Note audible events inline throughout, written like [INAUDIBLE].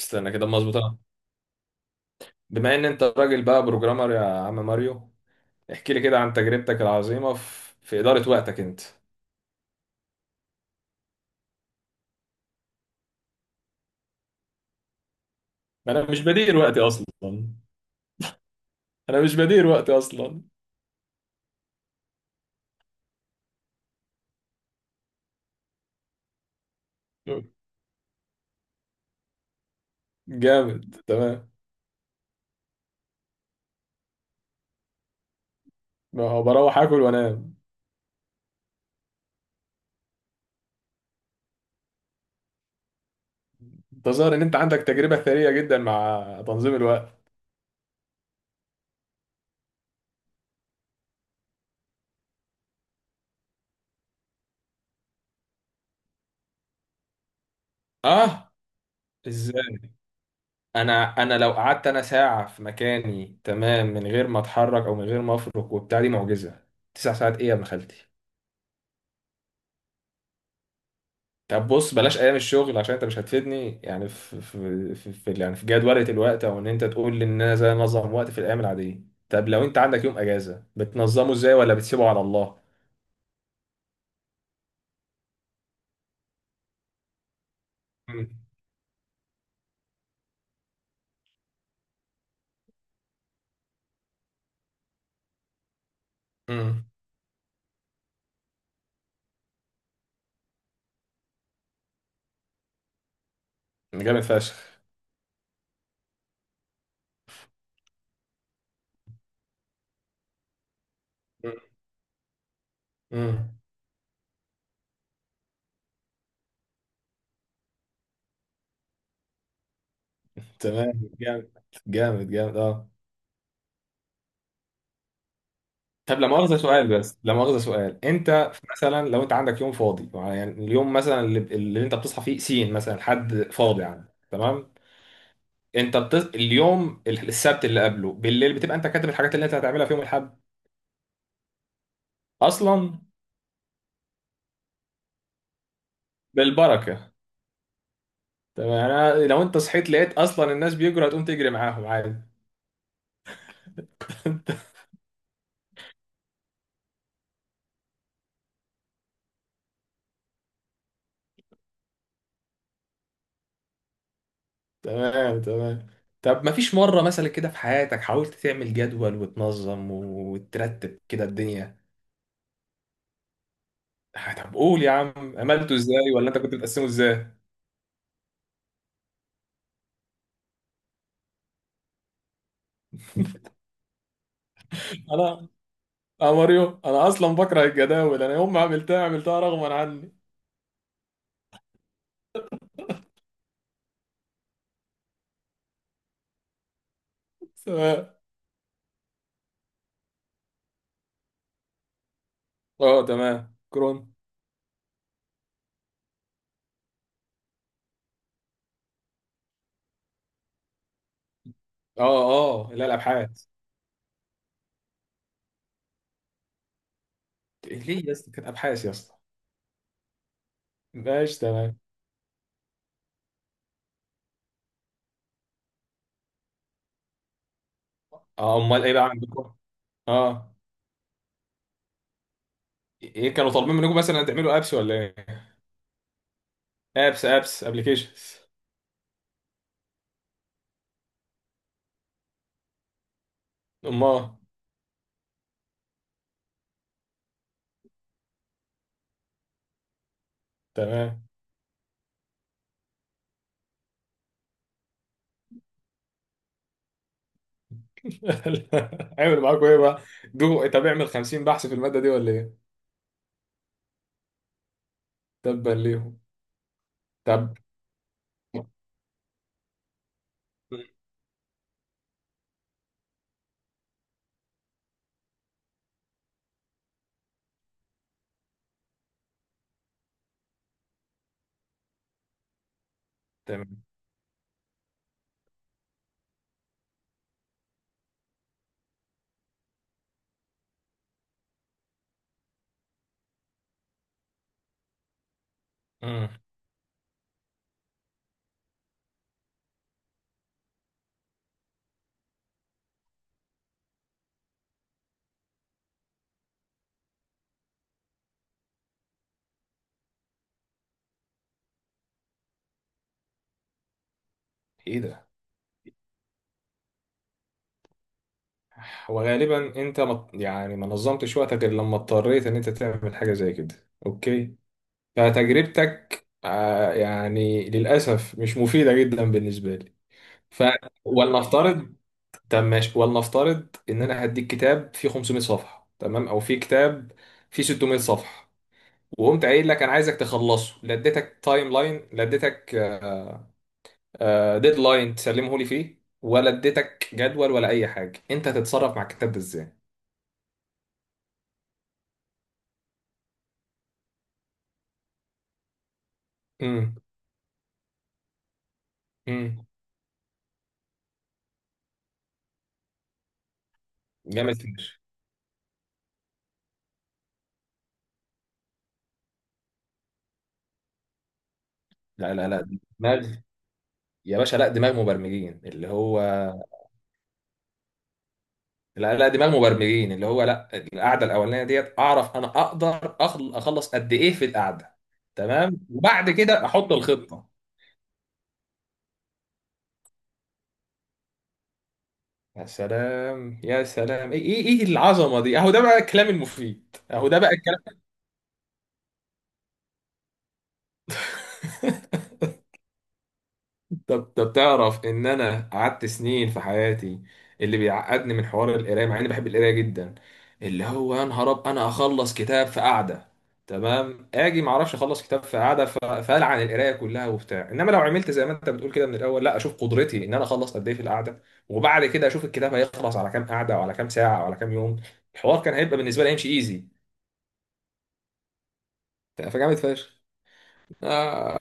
استنى كده مظبوطة. بما ان انت راجل بقى بروجرامر يا عم ماريو، احكي لي كده عن تجربتك العظيمة في إدارة وقتك انت. انا مش بدير وقتي اصلا. انا مش بدير وقتي اصلا. جامد، تمام. ما هو بروح اكل وانام. انت ظاهر ان انت عندك تجربة ثرية جدا مع تنظيم الوقت. اه، ازاي؟ انا لو قعدت انا ساعة في مكاني، تمام، من غير ما اتحرك او من غير ما افرك وبتاع، دي معجزة. تسع ساعات؟ ايه يا ابن خالتي؟ طب بص، بلاش ايام الشغل عشان انت مش هتفيدني، يعني في جدولة الوقت، او ان انت تقول لي ان انا ازاي انظم وقت في الايام العادية. طب لو انت عندك يوم اجازة، بتنظمه ازاي ولا بتسيبه على الله؟ امم. امم. جامد فشخ. مم. مم. تمام، جامد. جامد جامد اه. طب لا مؤاخذة سؤال، بس لا مؤاخذة سؤال، انت مثلا لو انت عندك يوم فاضي، يعني اليوم مثلا اللي انت بتصحى فيه سين، مثلا حد فاضي يعني. تمام. اليوم السبت اللي قبله بالليل، بتبقى انت كاتب الحاجات اللي انت هتعملها في يوم الاحد اصلا؟ بالبركه. تمام، يعني أنا لو انت صحيت لقيت اصلا الناس بيجروا، هتقوم تجري معاهم عادي. [LAUGHS] تمام، تمام. طب ما فيش مره مثلا كده في حياتك حاولت تعمل جدول وتنظم وترتب كده الدنيا؟ طب قول يا عم، عملته ازاي ولا انت كنت بتقسمه ازاي؟ انا، يا ماريو، انا اصلا بكره الجداول، انا يوم ما عملتها عملتها رغما عني. تمام. اه تمام، كرون. اه. اه لا، الابحاث. ليه يا اسطى؟ كانت ابحاث يا اسطى؟ ماشي تمام. اه، امال ايه بقى عندكم؟ اه. ايه، كانوا طالبين منكم مثلا تعملوا ابس ولا ايه؟ ابس، ابس، ابلكيشنز. امال. تمام. [LAUGHS] عملوا معاكم ايه بقى؟ دو، طب اعمل 50 بحث في الماده دي ولا ايه؟ تبا ليهم. طب. تمام. امم. ايه ده؟ وغالبا يعني ما نظمتش وقتك غير لما اضطريت ان انت تعمل حاجه زي كده. اوكي، فتجربتك يعني للأسف مش مفيدة جدا بالنسبة لي. ف ولنفترض، طب ماشي، ولنفترض إن أنا هديك كتاب فيه 500 صفحة، تمام، أو فيه كتاب فيه 600 صفحة، وقمت قايل لك أنا عايزك تخلصه، لا اديتك تايم لاين، لا اديتك ديدلاين تسلمه لي فيه، ولا اديتك جدول، ولا أي حاجة، أنت هتتصرف مع الكتاب ده إزاي؟ امم. امم. جامد فشخ. لا لا لا، دماغ، يا باشا، لا، دماغ مبرمجين اللي هو. لا لا، دي بقى المبرمجين اللي هو، لا، القعده الاولانيه ديت اعرف انا اقدر اخلص قد ايه في القعده. تمام، وبعد كده احط الخطه. يا سلام يا سلام، ايه إيه العظمه دي؟ اهو ده بقى الكلام المفيد، اهو ده بقى الكلام. [LAUGHS] طب طب، تعرف ان انا قعدت سنين في حياتي اللي بيعقدني من حوار القرايه، مع اني بحب القرايه جدا، اللي هو يا نهار اب، انا اخلص كتاب في قعده، تمام؟ اجي ما اعرفش اخلص كتاب في قعده، فالعن القرايه كلها وبتاع، انما لو عملت زي ما انت بتقول كده من الاول، لا اشوف قدرتي ان انا اخلص قد ايه في القعده، وبعد كده اشوف الكتاب هيخلص على كام قعده وعلى كام ساعه وعلى كام يوم، الحوار كان هيبقى بالنسبه لي هيمشي ايزي. فجامد فشخ. آه،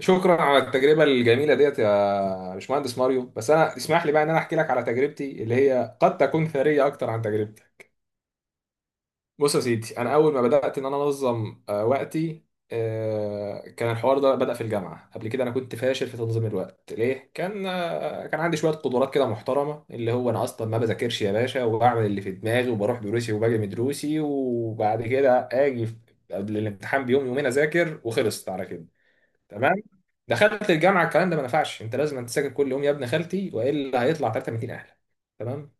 شكرا على التجربة الجميلة ديت يا باشمهندس ماريو. بس أنا اسمح لي بقى إن أنا أحكي لك على تجربتي اللي هي قد تكون ثرية أكتر عن تجربتك. بص يا سيدي، أنا أول ما بدأت إن أنا أنظم وقتي، كان الحوار ده بدأ في الجامعة. قبل كده أنا كنت فاشل في تنظيم الوقت. ليه؟ كان كان عندي شوية قدرات كده محترمة، اللي هو أنا أصلا ما بذاكرش يا باشا، وبعمل اللي في دماغي، وبروح دروسي وباجي من دروسي، وبعد كده آجي قبل الامتحان بيوم يومين أذاكر وخلصت على كده. تمام. دخلت الجامعه، الكلام ده ما نفعش. انت لازم أنت تذاكر كل يوم يا ابن خالتي، والا هيطلع 300 اهلك. تمام.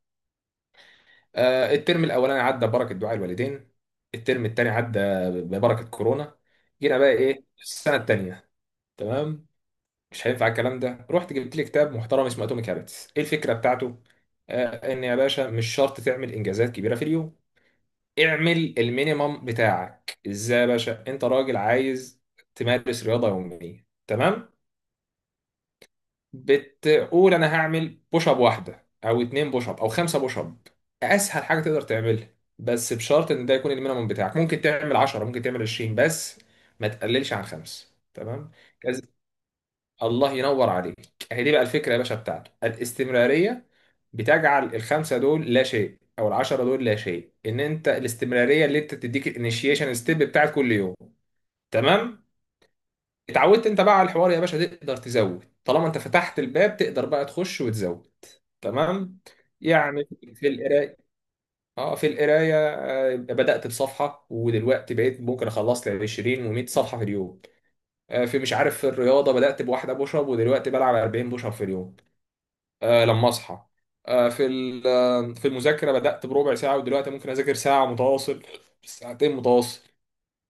آه، الترم الاولاني عدى ببركه دعاء الوالدين، الترم الثاني عدى ببركه كورونا. جينا بقى ايه، السنه الثانيه، تمام، مش هينفع الكلام ده. رحت جبت لي كتاب محترم اسمه اتوميك هابتس. ايه الفكره بتاعته؟ آه، ان يا باشا مش شرط تعمل انجازات كبيره في اليوم، اعمل المينيمم بتاعك. ازاي؟ يا باشا انت راجل عايز تمارس رياضه يوميه، تمام، بتقول انا هعمل بوش اب واحده او اتنين بوش اب او خمسه بوش اب، اسهل حاجه تقدر تعملها، بس بشرط ان ده يكون المينيمم بتاعك. ممكن تعمل 10، ممكن تعمل 20، بس ما تقللش عن خمس، تمام؟ كز... الله ينور عليك. هي دي بقى الفكره يا باشا بتاعته، الاستمراريه، بتجعل الخمسه دول لا شيء او العشرة دول لا شيء، ان انت الاستمراريه اللي انت تديك الانيشيشن ستيب بتاعت كل يوم. تمام. اتعودت انت بقى على الحوار يا باشا، تقدر تزود. طالما انت فتحت الباب تقدر بقى تخش وتزود. تمام، يعني في القرايه، اه في القرايه، بدات بصفحه ودلوقتي بقيت ممكن اخلص لي 20 و100 صفحه في اليوم. آه، في مش عارف في الرياضه بدات بواحده بوش اب ودلوقتي بلعب 40 بوش اب في اليوم، لما اصحى. آه، في ال- آه، في المذاكره بدات بربع ساعه ودلوقتي ممكن اذاكر ساعه متواصل، ساعتين متواصل.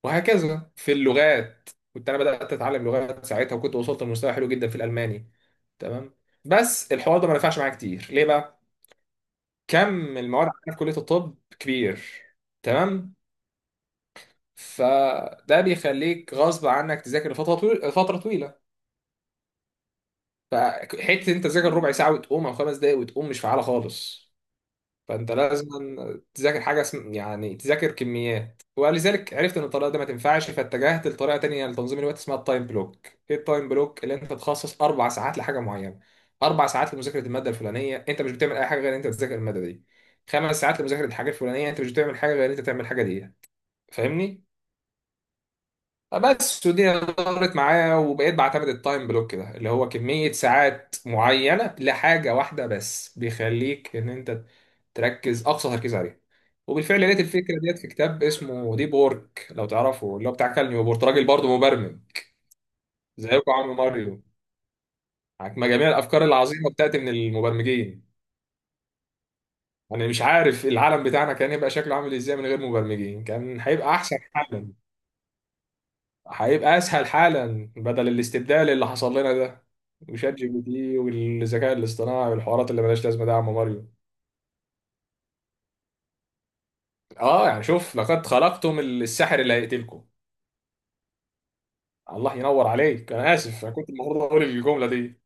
وهكذا في اللغات، كنت انا بدات اتعلم لغات ساعتها وكنت وصلت لمستوى حلو جدا في الالماني. تمام. بس الحوار ده ما نفعش معايا كتير. ليه بقى؟ كم المواد عندنا في كلية الطب كبير. تمام. فده بيخليك غصب عنك تذاكر لفترة طويلة، فترة طويلة. فحتة انت تذاكر ربع ساعة وتقوم، او خمس دقايق وتقوم، مش فعالة خالص. فانت لازم تذاكر حاجه اسم يعني، تذاكر كميات. ولذلك عرفت ان الطريقه دي ما تنفعش، فاتجهت لطريقه تانية لتنظيم الوقت اسمها التايم بلوك. ايه التايم بلوك؟ اللي انت تخصص اربع ساعات لحاجه معينه، اربع ساعات لمذاكره الماده الفلانيه، انت مش بتعمل اي حاجه غير ان انت تذاكر الماده دي. خمس ساعات لمذاكره الحاجه الفلانيه، انت مش بتعمل حاجه غير ان انت تعمل الحاجه دي. فاهمني؟ بس ودي دارت معايا، وبقيت بعتمد التايم بلوك ده، اللي هو كمية ساعات معينة لحاجة واحدة بس، بيخليك ان انت تركز اقصى تركيز عليها. وبالفعل لقيت الفكره ديت في كتاب اسمه ديب وورك، لو تعرفه، اللي هو بتاع كال نيوبورت، راجل برضه مبرمج زيكم عم ماريو، مع جميع الافكار العظيمه بتاعت من المبرمجين. انا مش عارف العالم بتاعنا كان هيبقى شكله عامل ازاي من غير مبرمجين، كان هيبقى احسن حالا، هيبقى اسهل حالا، بدل الاستبدال اللي حصل لنا ده، وشات جي بي تي والذكاء الاصطناعي والحوارات اللي ملهاش لازمه ده، يا عم ماريو. اه، يعني شوف، لقد خلقتم الساحر اللي هيقتلكم. الله ينور عليك، انا اسف، انا كنت المفروض اقول الجمله دي.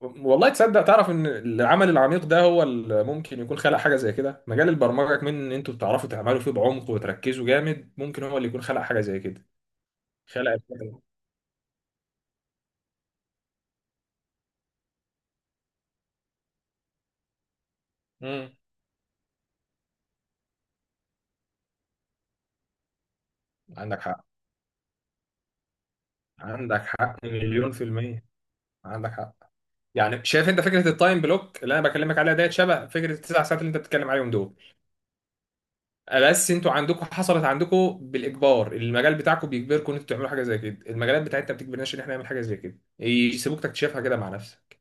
والله تصدق، تعرف ان العمل العميق ده هو اللي ممكن يكون خلق حاجه زي كده؟ مجال البرمجه كمان، ان انتوا بتعرفوا تعملوا فيه بعمق وتركزوا جامد، ممكن هو اللي يكون خلق حاجه زي كده، خلق الفكرة. امم. عندك حق، عندك حق مليون في المية، عندك حق. يعني شايف انت فكره التايم بلوك اللي انا بكلمك عليها ديت شبه فكره التسع ساعات اللي انت بتتكلم عليهم دول؟ بس انتوا عندكم حصلت عندكم بالاجبار، المجال بتاعكم بيجبركم ان انتوا تعملوا حاجه زي كده، المجالات بتاعتنا ما بتجبرناش ان احنا نعمل حاجه زي كده، يسيبوك تكتشفها كده مع نفسك.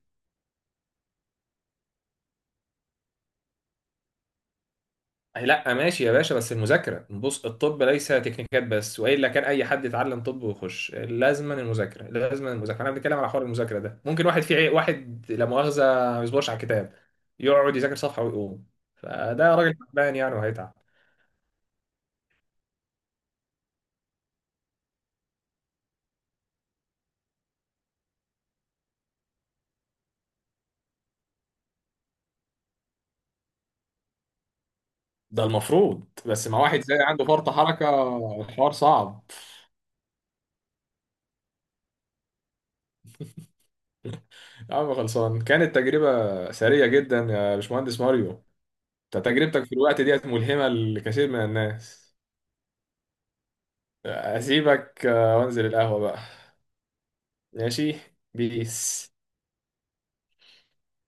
أي، لا ماشي يا باشا، بس المذاكره، بص الطب ليس تكنيكات بس، والا كان اي حد يتعلم طب ويخش، لازما المذاكره، لازما المذاكره. انا بنتكلم على حوار المذاكره ده، ممكن واحد واحد لا مؤاخذه ما بيصبرش على الكتاب، يقعد يذاكر صفحه ويقوم، فده راجل تعبان يعني وهيتعب. ده المفروض، بس مع واحد زي عنده فرط حركه، الحوار صعب. يا عم خلصان، كانت تجربة سرية جدا يا باشمهندس ماريو، انت تجربتك في الوقت ديت ملهمة لكثير من الناس. اسيبك وانزل القهوة بقى. ماشي. بيس.